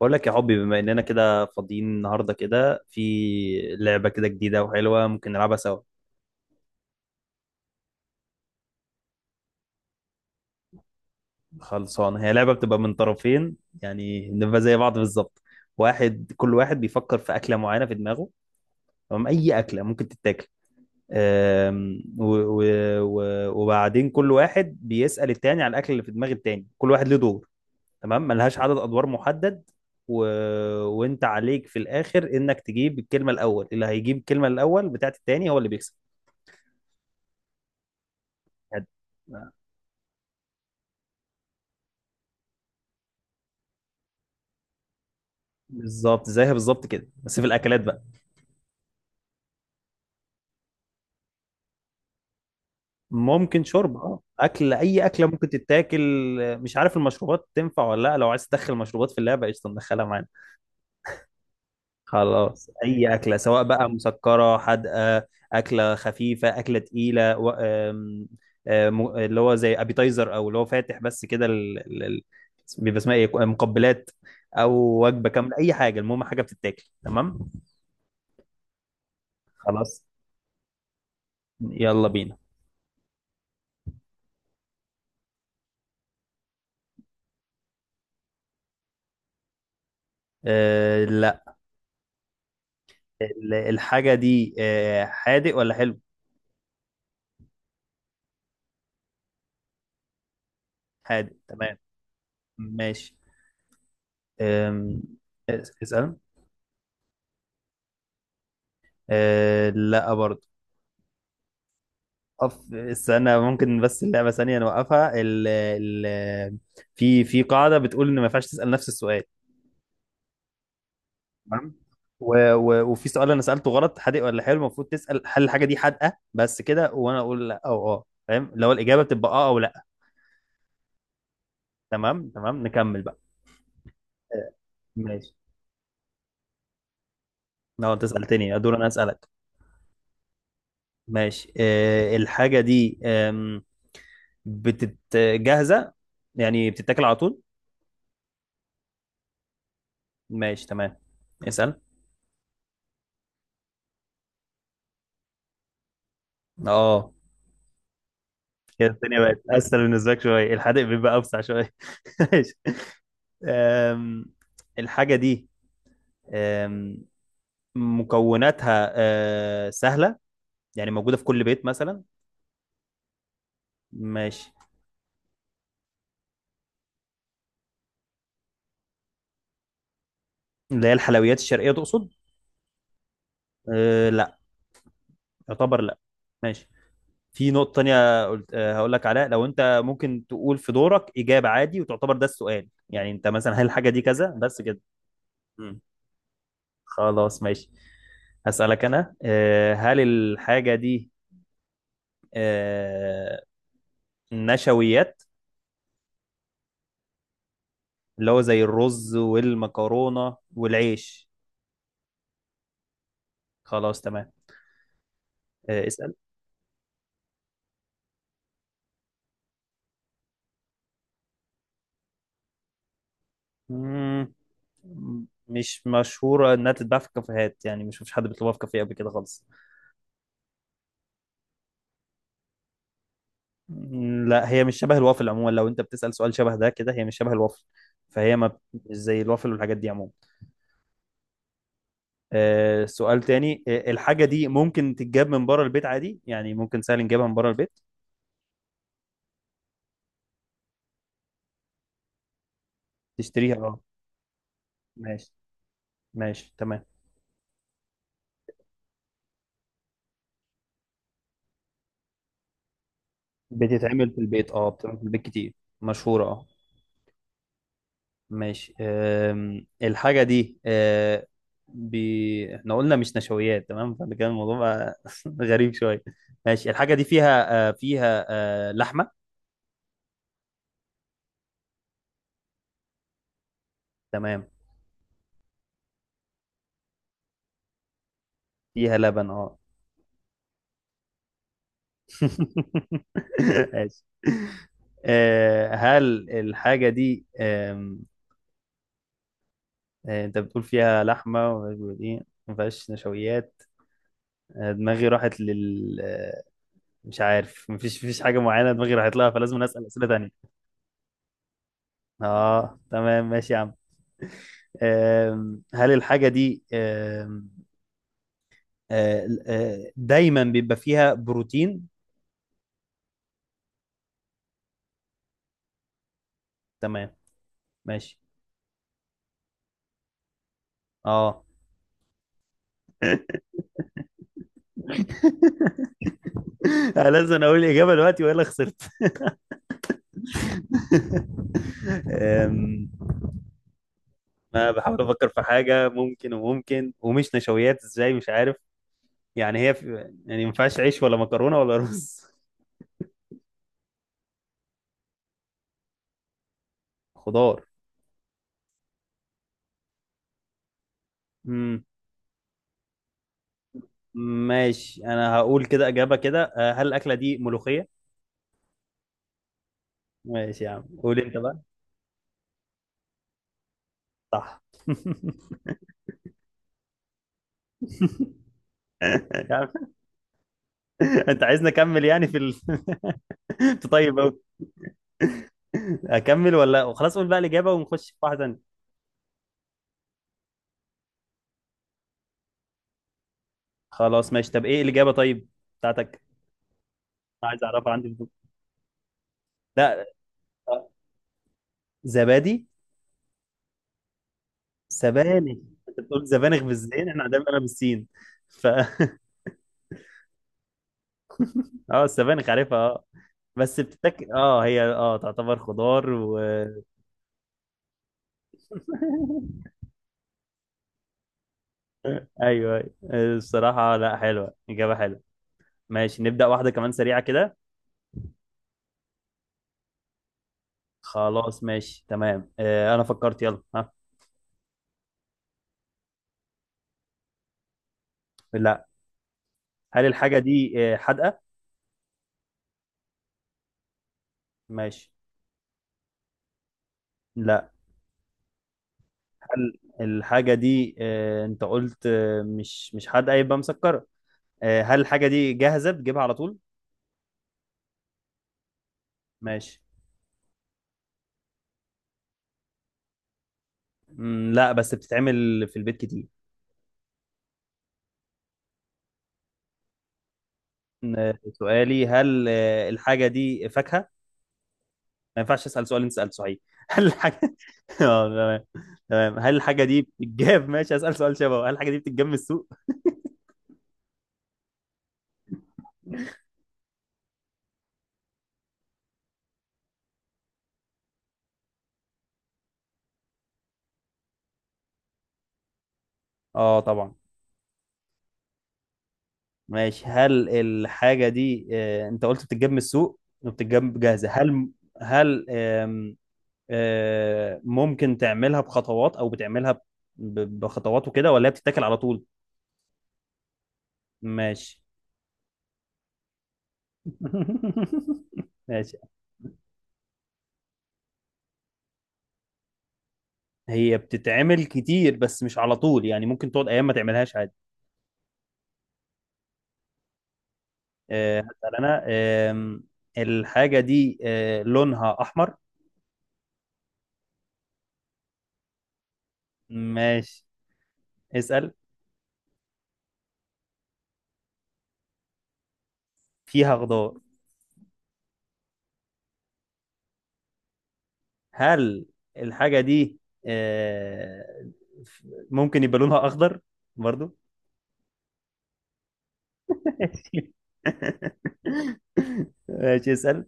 بقول لك يا حبي، بما اننا كده فاضيين النهارده، كده في لعبه كده جديده وحلوه ممكن نلعبها سوا. خلصانه، هي لعبه بتبقى من طرفين. يعني بنبقى زي بعض بالظبط. كل واحد بيفكر في اكله معينه في دماغه. تمام، اي اكله ممكن تتاكل. أم، و- و- و- وبعدين كل واحد بيسال التاني على الاكل اللي في دماغ التاني، كل واحد له دور. تمام، ملهاش عدد ادوار محدد. و... وانت عليك في الاخر انك تجيب الكلمه الاول، اللي هيجيب الكلمه الاول بتاعت التاني هو اللي بيكسب. كانت- بالظبط زيها بالظبط كده، بس في الاكلات بقى. ممكن شرب اكل، اي اكله ممكن تتاكل. مش عارف المشروبات تنفع ولا لا، لو عايز تدخل مشروبات في اللعبه قشطه ندخلها معانا. خلاص، اي اكله، سواء بقى مسكره، حادقه، اكله خفيفه، اكله تقيله، و... آم، آم، اللي هو زي ابيتايزر، او اللي هو فاتح بس كده، بيبقى اسمها ايه، مقبلات، او وجبه كامله، اي حاجه، المهم حاجه بتتاكل، تمام. خلاص، يلا بينا. آه، الحاجة دي حادق ولا حلو؟ حادق، تمام، ماشي. أم، اسأل. أه لا، برضه. استنى، ممكن بس اللعبة ثانية نوقفها. في قاعدة بتقول إن ما ينفعش تسأل نفس السؤال. تمام. وفي سؤال أنا سألته غلط، حادق ولا حلو. المفروض تسأل هل الحاجة دي حادقة بس كده، وأنا أقول لا أو أه، فاهم، لو الإجابة بتبقى أه أو لا. تمام تمام، نكمل بقى. آه، ماشي. لو أنت سألتني أدور أنا أسألك. ماشي، الحاجة دي آم، بتت جاهزة، يعني بتتاكل على طول؟ ماشي تمام، اسأل اه. كده الدنيا بقت أسهل بالنسبة لك شوية، الحادق بيبقى أوسع شوية ماشي. آم، الحاجة دي، آم، مكوناتها سهلة، يعني موجودة في كل بيت مثلا. ماشي. اللي هي الحلويات الشرقية تقصد؟ لا، يعتبر لا. ماشي، في نقطة تانية قلت هقول لك عليها. لو أنت ممكن تقول في دورك إجابة عادي وتعتبر ده السؤال، يعني أنت مثلا هل الحاجة دي كذا بس كده. مم. خلاص ماشي. هسألك أنا، هل الحاجة دي آه، نشويات، اللي هو زي الرز والمكرونة والعيش؟ خلاص تمام، اسأل. مم، مش مشهورة إنها تتباع في الكافيهات، يعني مش مفيش حد بيطلبها في كافيه قبل كده خالص. مم، لا، هي مش شبه الوافل عموما، لو انت بتسأل سؤال شبه ده كده، هي مش شبه الوافل. فهي ما بت- مش زي الوافل والحاجات دي عموما. سؤال تاني، الحاجة دي ممكن تتجاب من بره البيت عادي، يعني ممكن سهل نجيبها من بره البيت؟ تشتريها اه. ماشي ماشي تمام. بتتعمل في البيت اه، بتتعمل في البيت كتير. مشهورة اه. ماشي، الحاجة دي احنا قلنا مش نشويات تمام، فده كان الموضوع بقى غريب شوية، ماشي. الحاجة دي فيها لحمة. تمام، فيها لبن اه. ماشي. هل الحاجة دي، آم، آه، انت بتقول فيها لحمة ومش بتقول ايه ما فيهاش نشويات. دماغي راحت لل آه، مش عارف، مفيش حاجة معينة دماغي راحت لها، فلازم أسأل أسئلة تانية. اه تمام، ماشي يا عم. هل الحاجة دي آم، آه، آه، دايما بيبقى فيها بروتين؟ تمام ماشي اه. لازم اقول الاجابه دلوقتي والا خسرت؟ أم، ما بحاول افكر في حاجه ممكن وممكن ومش نشويات ازاي، مش عارف. يعني هي في يعني ما ينفعش عيش ولا مكرونه ولا رز. خضار، امم ماشي، انا هقول كده اجابه كده، هل الاكله دي ملوخيه؟ ماشي يا عم، قول انت بقى. صح يا عم، انت عايزني اكمل، يعني في طيب أوي. اكمل ولا خلاص قول بقى الاجابه ونخش في واحده ثانيه؟ خلاص ماشي، طب ايه الاجابه طيب بتاعتك؟ عايز اعرفها، عندي فضول. لا. آه، زبادي، سبانخ. انت بتقول سبانخ بالزين، احنا عندنا بالسين. ف اه، السبانخ عارفها اه. بس بتتاكل، هي تعتبر خضار ايوه، أيوة. الصراحه، لا، حلوه، اجابه حلوه. ماشي نبدا واحده كمان سريعه كده. خلاص ماشي تمام، انا فكرت، يلا ها. لا. هل الحاجه دي حادقه؟ ماشي، لا. هل الحاجه دي، انت قلت، مش حادقه، يبقى مسكره. هل الحاجه دي جاهزه بتجيبها على طول؟ ماشي. مم، لا، بس بتتعمل في البيت كتير. سؤالي، هل الحاجة دي فاكهة؟ ما ينفعش أسأل سؤال أنت سألته صحيح هل الحاجة اه تمام. تمام، هل الحاجة دي بتتجاب ماشي، أسأل سؤال شبهه، هل الحاجة دي بتتجاب من السوق؟ اه طبعا. ماشي، هل الحاجة دي، أنت قلت بتتجاب من السوق وبتتجاب جاهزة. هل هل آم، آه، ممكن تعملها بخطوات أو بتعملها بخطوات وكده، ولا هي بتتاكل على طول؟ ماشي. ماشي، هي بتتعمل كتير بس مش على طول، يعني ممكن تقعد ايام ما تعملهاش عادي. هسأل انا. آم، الحاجة دي لونها احمر؟ ماشي، اسأل. فيها خضار. هل الحاجة دي آه، ممكن يبقى لونها اخضر برضو؟ ماشي. ماشي، اسأل.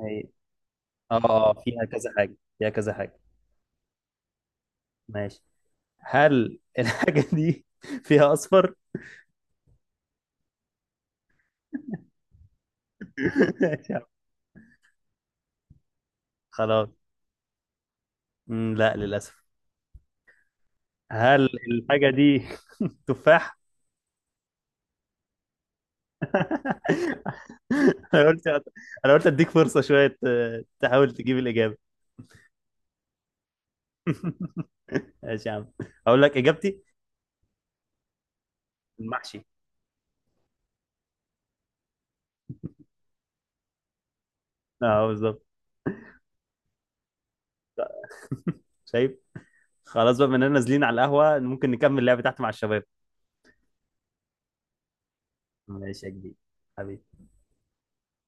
أي- فيها كذا حاجة، فيها كذا حاجة. ماشي. هل الحاجة دي فيها اصفر؟ ماشي، خلاص. مم، لا للأسف. هل الحاجة دي تفاح؟ أنا قلت أنا قلت أديك فرصة شوية تحاول تجيب الإجابة. ماشي يا عم، أقول لك إجابتي: المحشي. أه بالظبط شايف؟ خلاص بقى، بما إننا نازلين على القهوة ممكن نكمل اللعبة تحت مع الشباب. ماشي يا كبير، حبيبي.